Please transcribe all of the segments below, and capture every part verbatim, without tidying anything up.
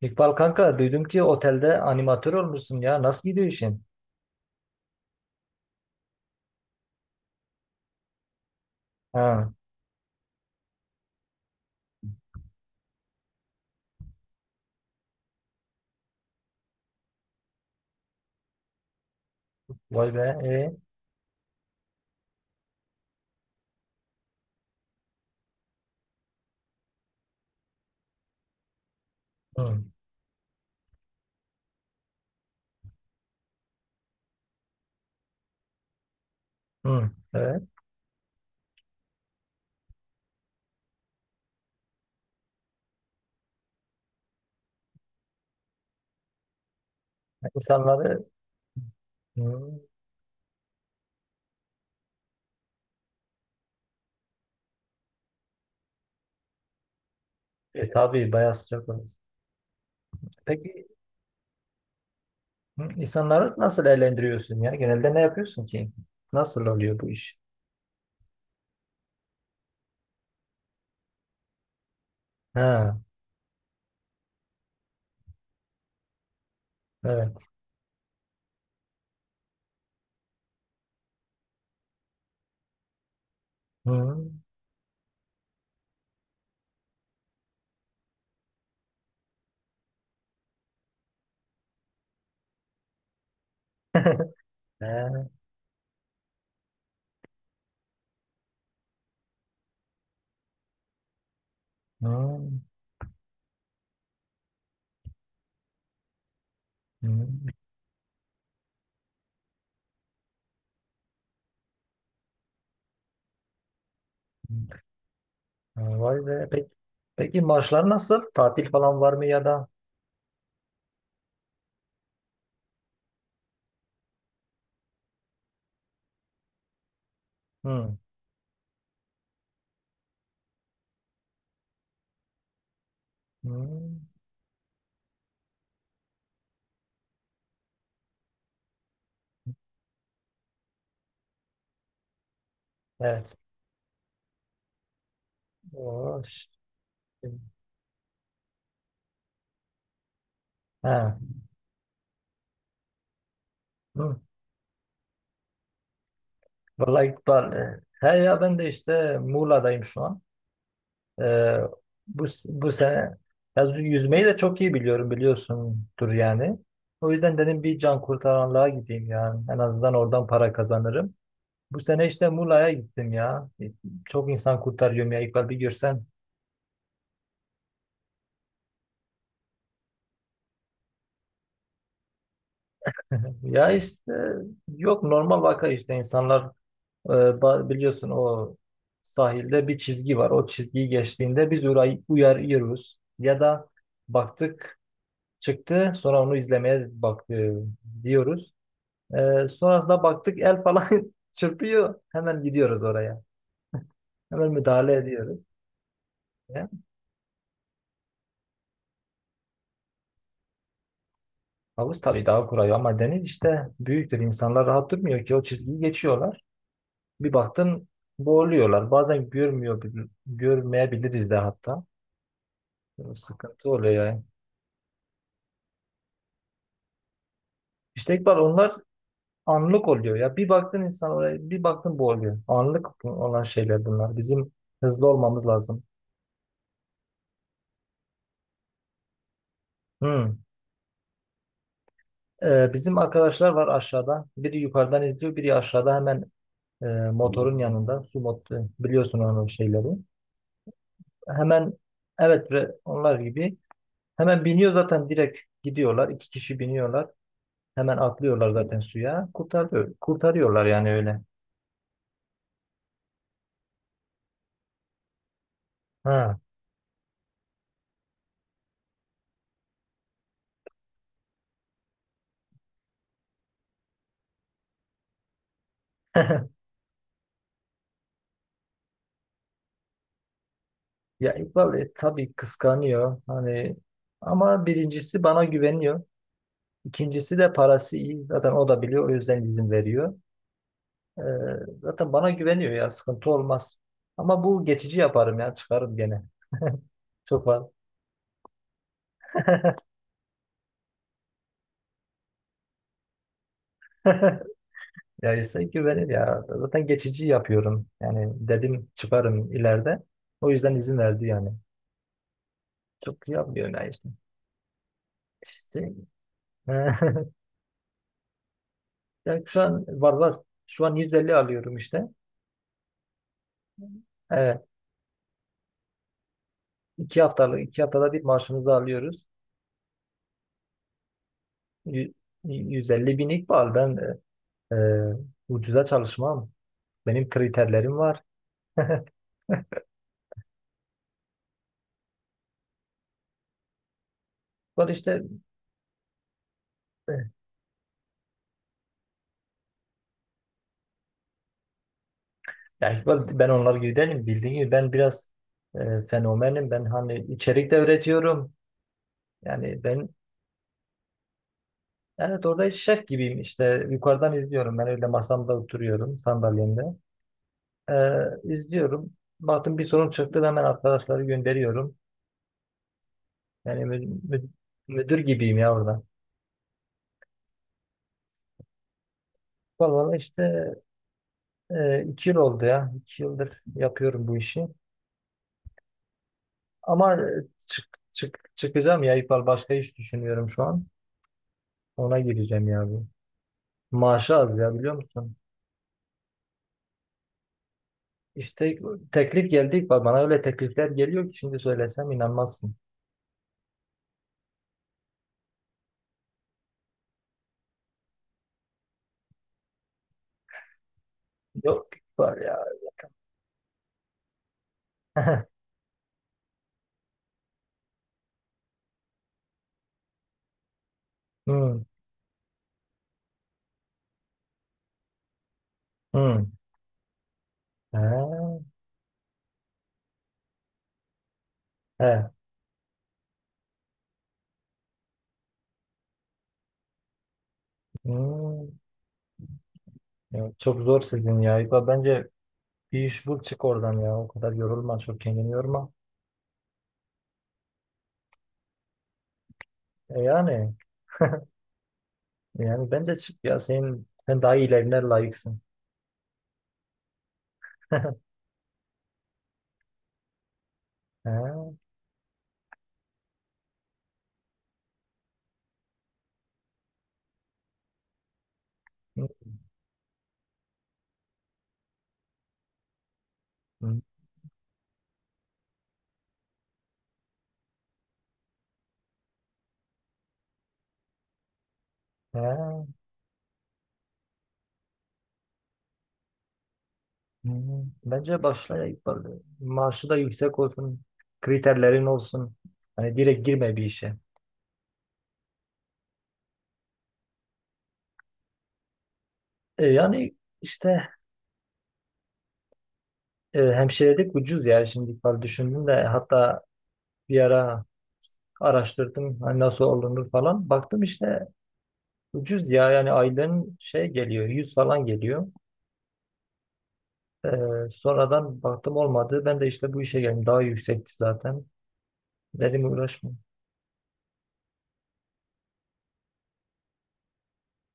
İkbal kanka duydum ki otelde animatör olmuşsun ya. Nasıl gidiyor işin? Ha, vay be. E, hı, hı, evet. İnsanları hı, e, tabii bayağı sıcak oluyor. Peki, hı, insanları nasıl eğlendiriyorsun ya? Genelde ne yapıyorsun ki? Nasıl oluyor bu iş? Ha, evet. Hı, he, hı, hı, hı. Ha, vay be. Peki, peki maaşlar nasıl? Tatil falan var mı ya da? Hı, hı, evet. O, şey. Hı. Vallahi İkbal, e, he ya ben de işte Muğla'dayım şu an. E, bu, bu sene ya yüz- yüzmeyi de çok iyi biliyorum biliyorsundur yani. O yüzden dedim bir can kurtaranlığa gideyim yani. En azından oradan para kazanırım. Bu sene işte Muğla'ya gittim ya. E, Çok insan kurtarıyorum ya İkbal bir görsen. Ya işte yok normal vaka işte insanlar. Ee, ba- Biliyorsun o sahilde bir çizgi var. O çizgiyi geçtiğinde biz uray- uyarıyoruz. Ya da baktık, çıktı, sonra onu izlemeye bak e, diyoruz. Ee, sonrasında baktık el falan çırpıyor. Hemen gidiyoruz oraya. Hemen müdahale ediyoruz. Ya, havuz tabii daha kurayı ama deniz işte büyüktür. İnsanlar rahat durmuyor ki o çizgiyi geçiyorlar. Bir baktın boğuluyorlar. Bazen görmüyor, görmeyebiliriz de hatta. Sıkıntı oluyor yani. İşte İkbal onlar anlık oluyor ya. Bir baktın insan oraya, bir baktın bu oluyor. Anlık olan şeyler bunlar. Bizim hızlı olmamız lazım. Hmm. Ee, bizim arkadaşlar var aşağıda. Biri yukarıdan izliyor, biri aşağıda hemen e, motorun yanında. Su motoru, biliyorsun onun şeyleri. Hemen, evet ve onlar gibi. Hemen biniyor zaten direkt gidiyorlar. İki kişi biniyorlar. Hemen atlıyorlar zaten suya. Kurtarıyor, kurtarıyorlar yani öyle. Ha. Ya İkbal, e, tabii kıskanıyor hani ama birincisi bana güveniyor. İkincisi de parası iyi. Zaten o da biliyor, o yüzden izin veriyor. Ee, Zaten bana güveniyor ya sıkıntı olmaz. Ama bu geçici yaparım ya, çıkarım gene. Çok var. Ya ise güvenir ya. Zaten geçici yapıyorum. Yani dedim çıkarım ileride. O yüzden izin verdi yani. Çok yapmıyor ya işte. İşte. Yani şu an var var. Şu an yüz elli alıyorum işte. Ee, İki haftalık, iki haftada bir maaşımızı alıyoruz. Yü- yüz elli binlik var. Ben e, e, ucuza çalışmam. Benim kriterlerim var. Var işte, e, yani Iqbal, ben onlar gibi değilim. Bildiğin gibi ben biraz e, fenomenim. Ben hani içerik de üretiyorum. Yani ben, evet, orada şef gibiyim işte. Yukarıdan izliyorum. Ben öyle masamda oturuyorum sandalyemde. E, izliyorum. Baktım bir sorun çıktı. Hemen arkadaşları gönderiyorum. Yani mü- mü- müdür gibiyim ya orada. Vallahi işte, e, iki yıl oldu ya. İki yıldır yapıyorum bu işi. Ama e, çık, çık, çıkacağım ya İpal. Başka iş düşünüyorum şu an. Ona gireceğim ya bu. Maaşı az ya, biliyor musun? İşte teklif geldi İkbal. Bana öyle teklifler geliyor ki şimdi söylesem inanmazsın. Yok var ya. Hmm, hmm. He, he, hmm. Ya, çok zor sizin ya. İkbal bence bir iş bul, çık oradan ya. O kadar yorulma. Çok kendini yorma. E yani. Yani bence çık ya, senin sen daha iyilerine layıksın. Ha, hı, hı, ha, hı. Bence başla ya ilk başta. Maaşı da yüksek olsun. Kriterlerin olsun. Hani direkt girme bir işe. E, yani işte e, hemşirelik ucuz ya şimdi falan düşündüm de, hatta bir ara araştırdım hani nasıl olunur falan. Baktım işte ucuz ya, yani aylığın şey geliyor, yüz falan geliyor. Ee, sonradan baktım olmadı. Ben de işte bu işe geldim. Daha yüksekti zaten. Dedim uğraşmayayım.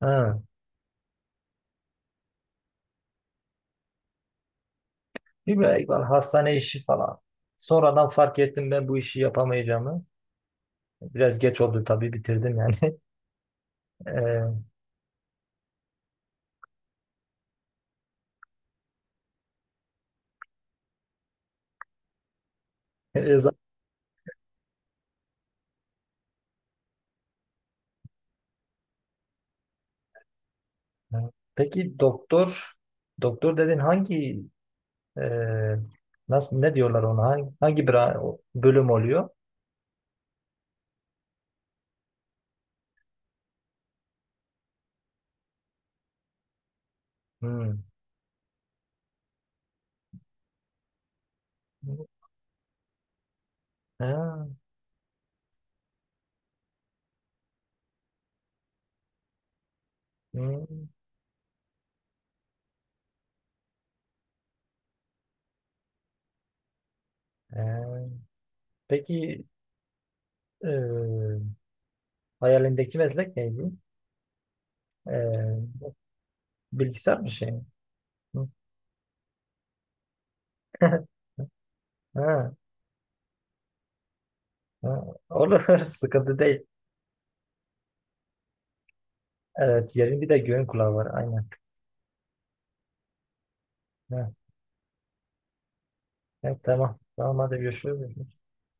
Ha. Bir böyle var, hastane işi falan. Sonradan fark ettim ben bu işi yapamayacağımı. Biraz geç oldu tabii, bitirdim yani. Ee, e, zaten- Peki, doktor doktor dedin, hangi e, nasıl ne diyorlar ona, hangi, hangi bra- bölüm oluyor? Hmm. Ha, hmm. Ee, Peki, e, hayalindeki meslek neydi? Ee, Bilgisayar mı, şey? Mi? Hı. Ha, ha. Olur, sıkıntı değil. Evet, yerin bir de göğün kulağı var aynen. Ha, evet, tamam. Tamam, hadi görüşürüz.